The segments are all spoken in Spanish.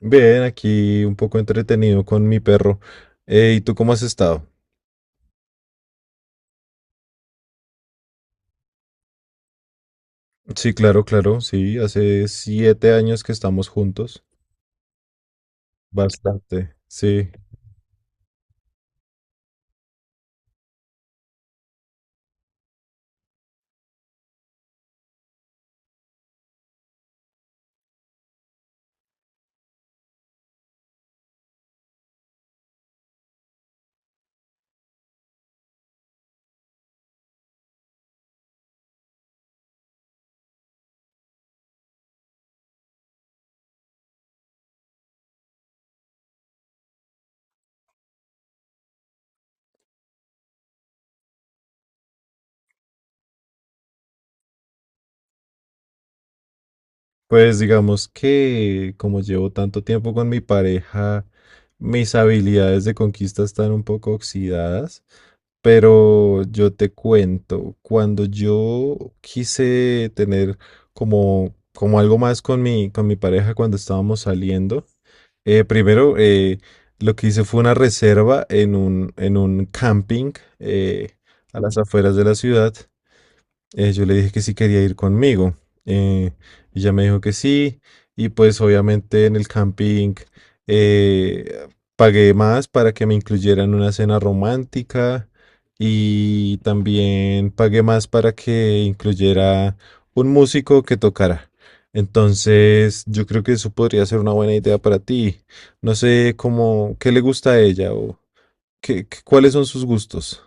Bien, aquí un poco entretenido con mi perro. ¿y tú cómo has estado? Sí, claro, claro, sí. Hace 7 años que estamos juntos. Bastante, sí. Pues digamos que como llevo tanto tiempo con mi pareja, mis habilidades de conquista están un poco oxidadas, pero yo te cuento, cuando yo quise tener como algo más con mi pareja cuando estábamos saliendo, primero lo que hice fue una reserva en un camping eh, a las afueras de la ciudad. Yo le dije que si quería ir conmigo. eh, Ella me dijo que sí. Y pues obviamente en el camping eh, pagué más para que me incluyeran una cena romántica. Y también pagué más para que incluyera un músico que tocara. Entonces, yo creo que eso podría ser una buena idea para ti. No sé cómo, qué le gusta a ella o cuáles son sus gustos.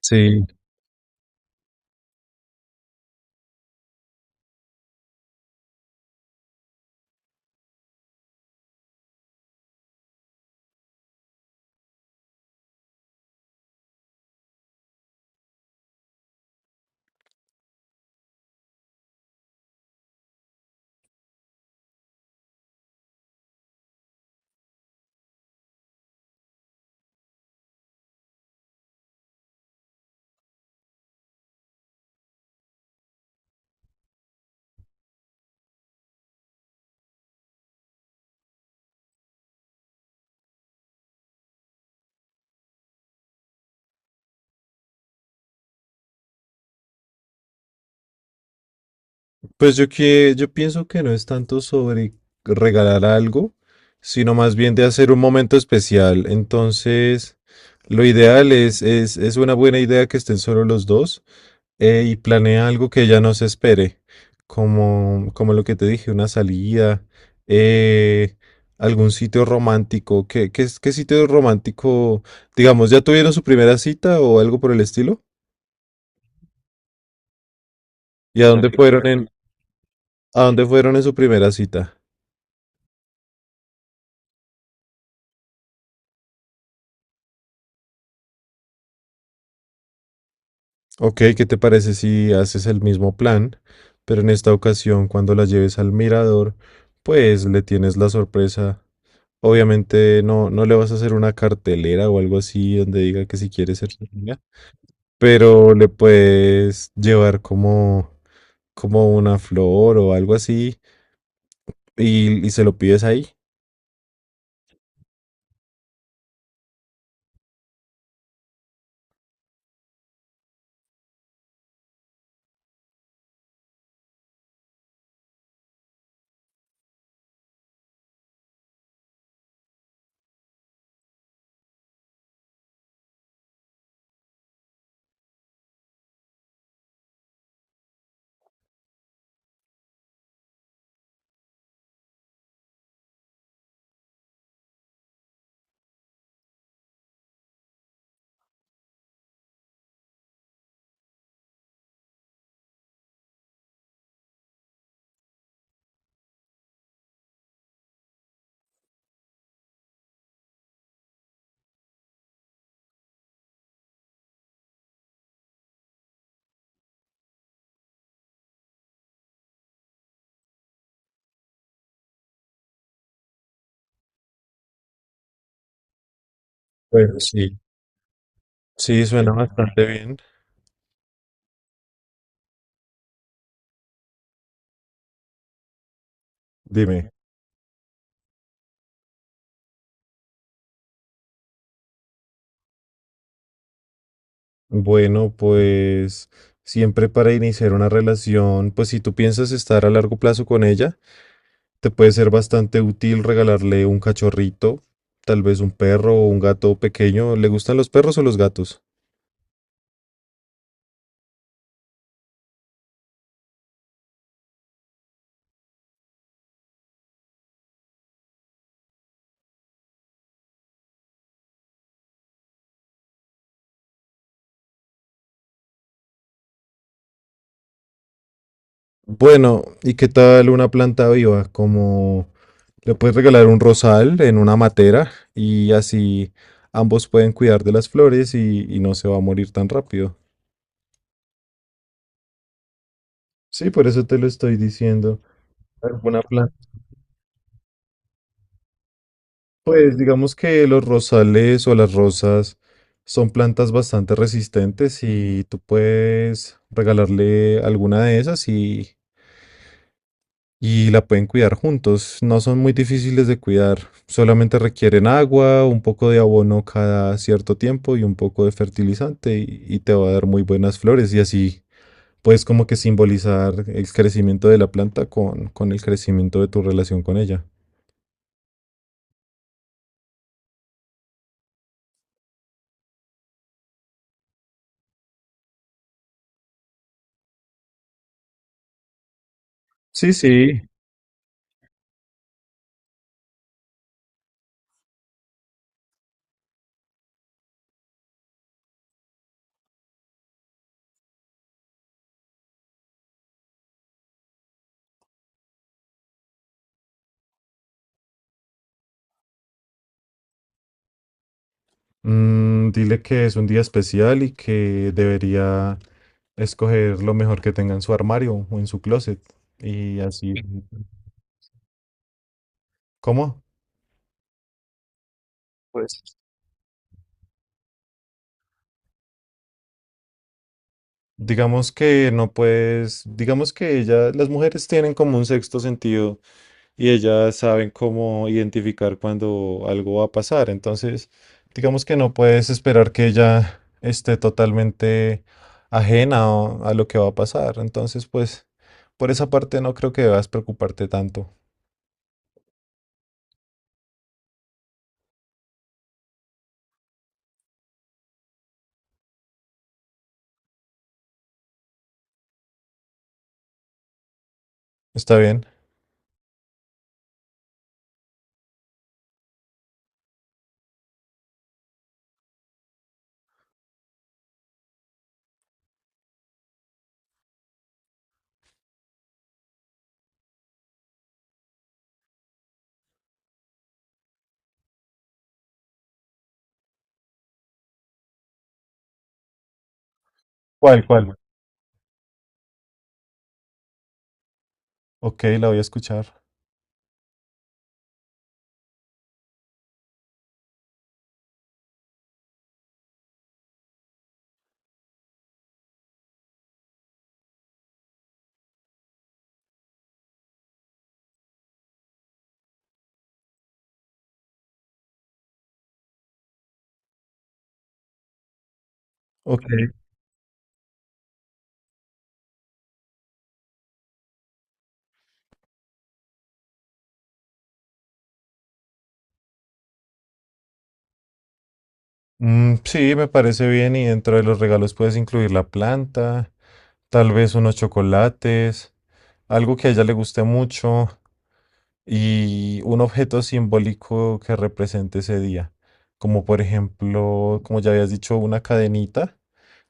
Sí. Pues yo que yo pienso que no es tanto sobre regalar algo, sino más bien de hacer un momento especial. Entonces, lo ideal es una buena idea que estén solo los dos, y planea algo que ella no se espere, como lo que te dije, una salida, eh, algún sitio romántico. ¿ Qué sitio romántico, digamos, ya tuvieron su primera cita o algo por el estilo? ¿Y a dónde fueron en, a dónde fueron en su primera cita? Ok, ¿qué te parece si haces el mismo plan, pero en esta ocasión cuando la lleves al mirador, pues le tienes la sorpresa? Obviamente no, no le vas a hacer una cartelera o algo así donde diga que si quiere ser su amiga, pero le puedes llevar como una flor o algo así y se lo pides ahí. Bueno, sí, sí, suena bastante bien. Dime. Bueno, pues siempre para iniciar una relación, pues si tú piensas estar a largo plazo con ella, te puede ser bastante útil regalarle un cachorrito, tal vez un perro o un gato pequeño. ¿Le gustan los perros o los gatos? Bueno, ¿y qué tal una planta viva? Como le puedes regalar un rosal en una matera y así ambos pueden cuidar de las flores y no se va a morir tan rápido. Sí, por eso te lo estoy diciendo. Alguna planta. Pues digamos que los rosales o las rosas son plantas bastante resistentes y tú puedes regalarle alguna de esas y la pueden cuidar juntos. No son muy difíciles de cuidar, solamente requieren agua, un poco de abono cada cierto tiempo y un poco de fertilizante y te va a dar muy buenas flores y así puedes como que simbolizar el crecimiento de la planta con el crecimiento de tu relación con ella. Sí, sí. Mm, dile que es un día especial y que debería escoger lo mejor que tenga en su armario o en su closet. Y así. ¿Cómo? Pues digamos que no puedes, digamos que ella, las mujeres tienen como un sexto sentido. Y ellas saben cómo identificar cuando algo va a pasar. Entonces, digamos que no puedes esperar que ella esté totalmente a lo que va a pasar. Entonces, pues, por esa parte no creo que debas preocuparte tanto. ¿Está bien? ¿Cuál, cuál? Ok, la voy a escuchar. Ok. Ok. Mm, sí, me parece bien y dentro de los regalos puedes incluir la planta, tal vez unos chocolates, algo que a ella le guste mucho y un objeto simbólico que represente ese día. Como por ejemplo, como ya habías dicho, una cadenita,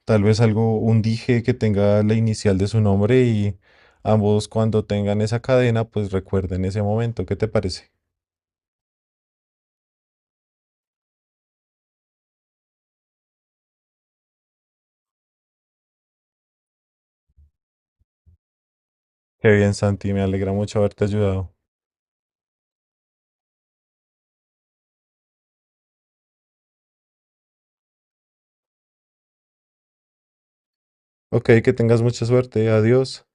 tal vez algo, un dije que tenga la inicial de su nombre y ambos cuando tengan esa cadena, pues recuerden ese momento. ¿Qué te parece? Qué bien, Santi, me alegra mucho haberte ayudado. Ok, que tengas mucha suerte. Adiós.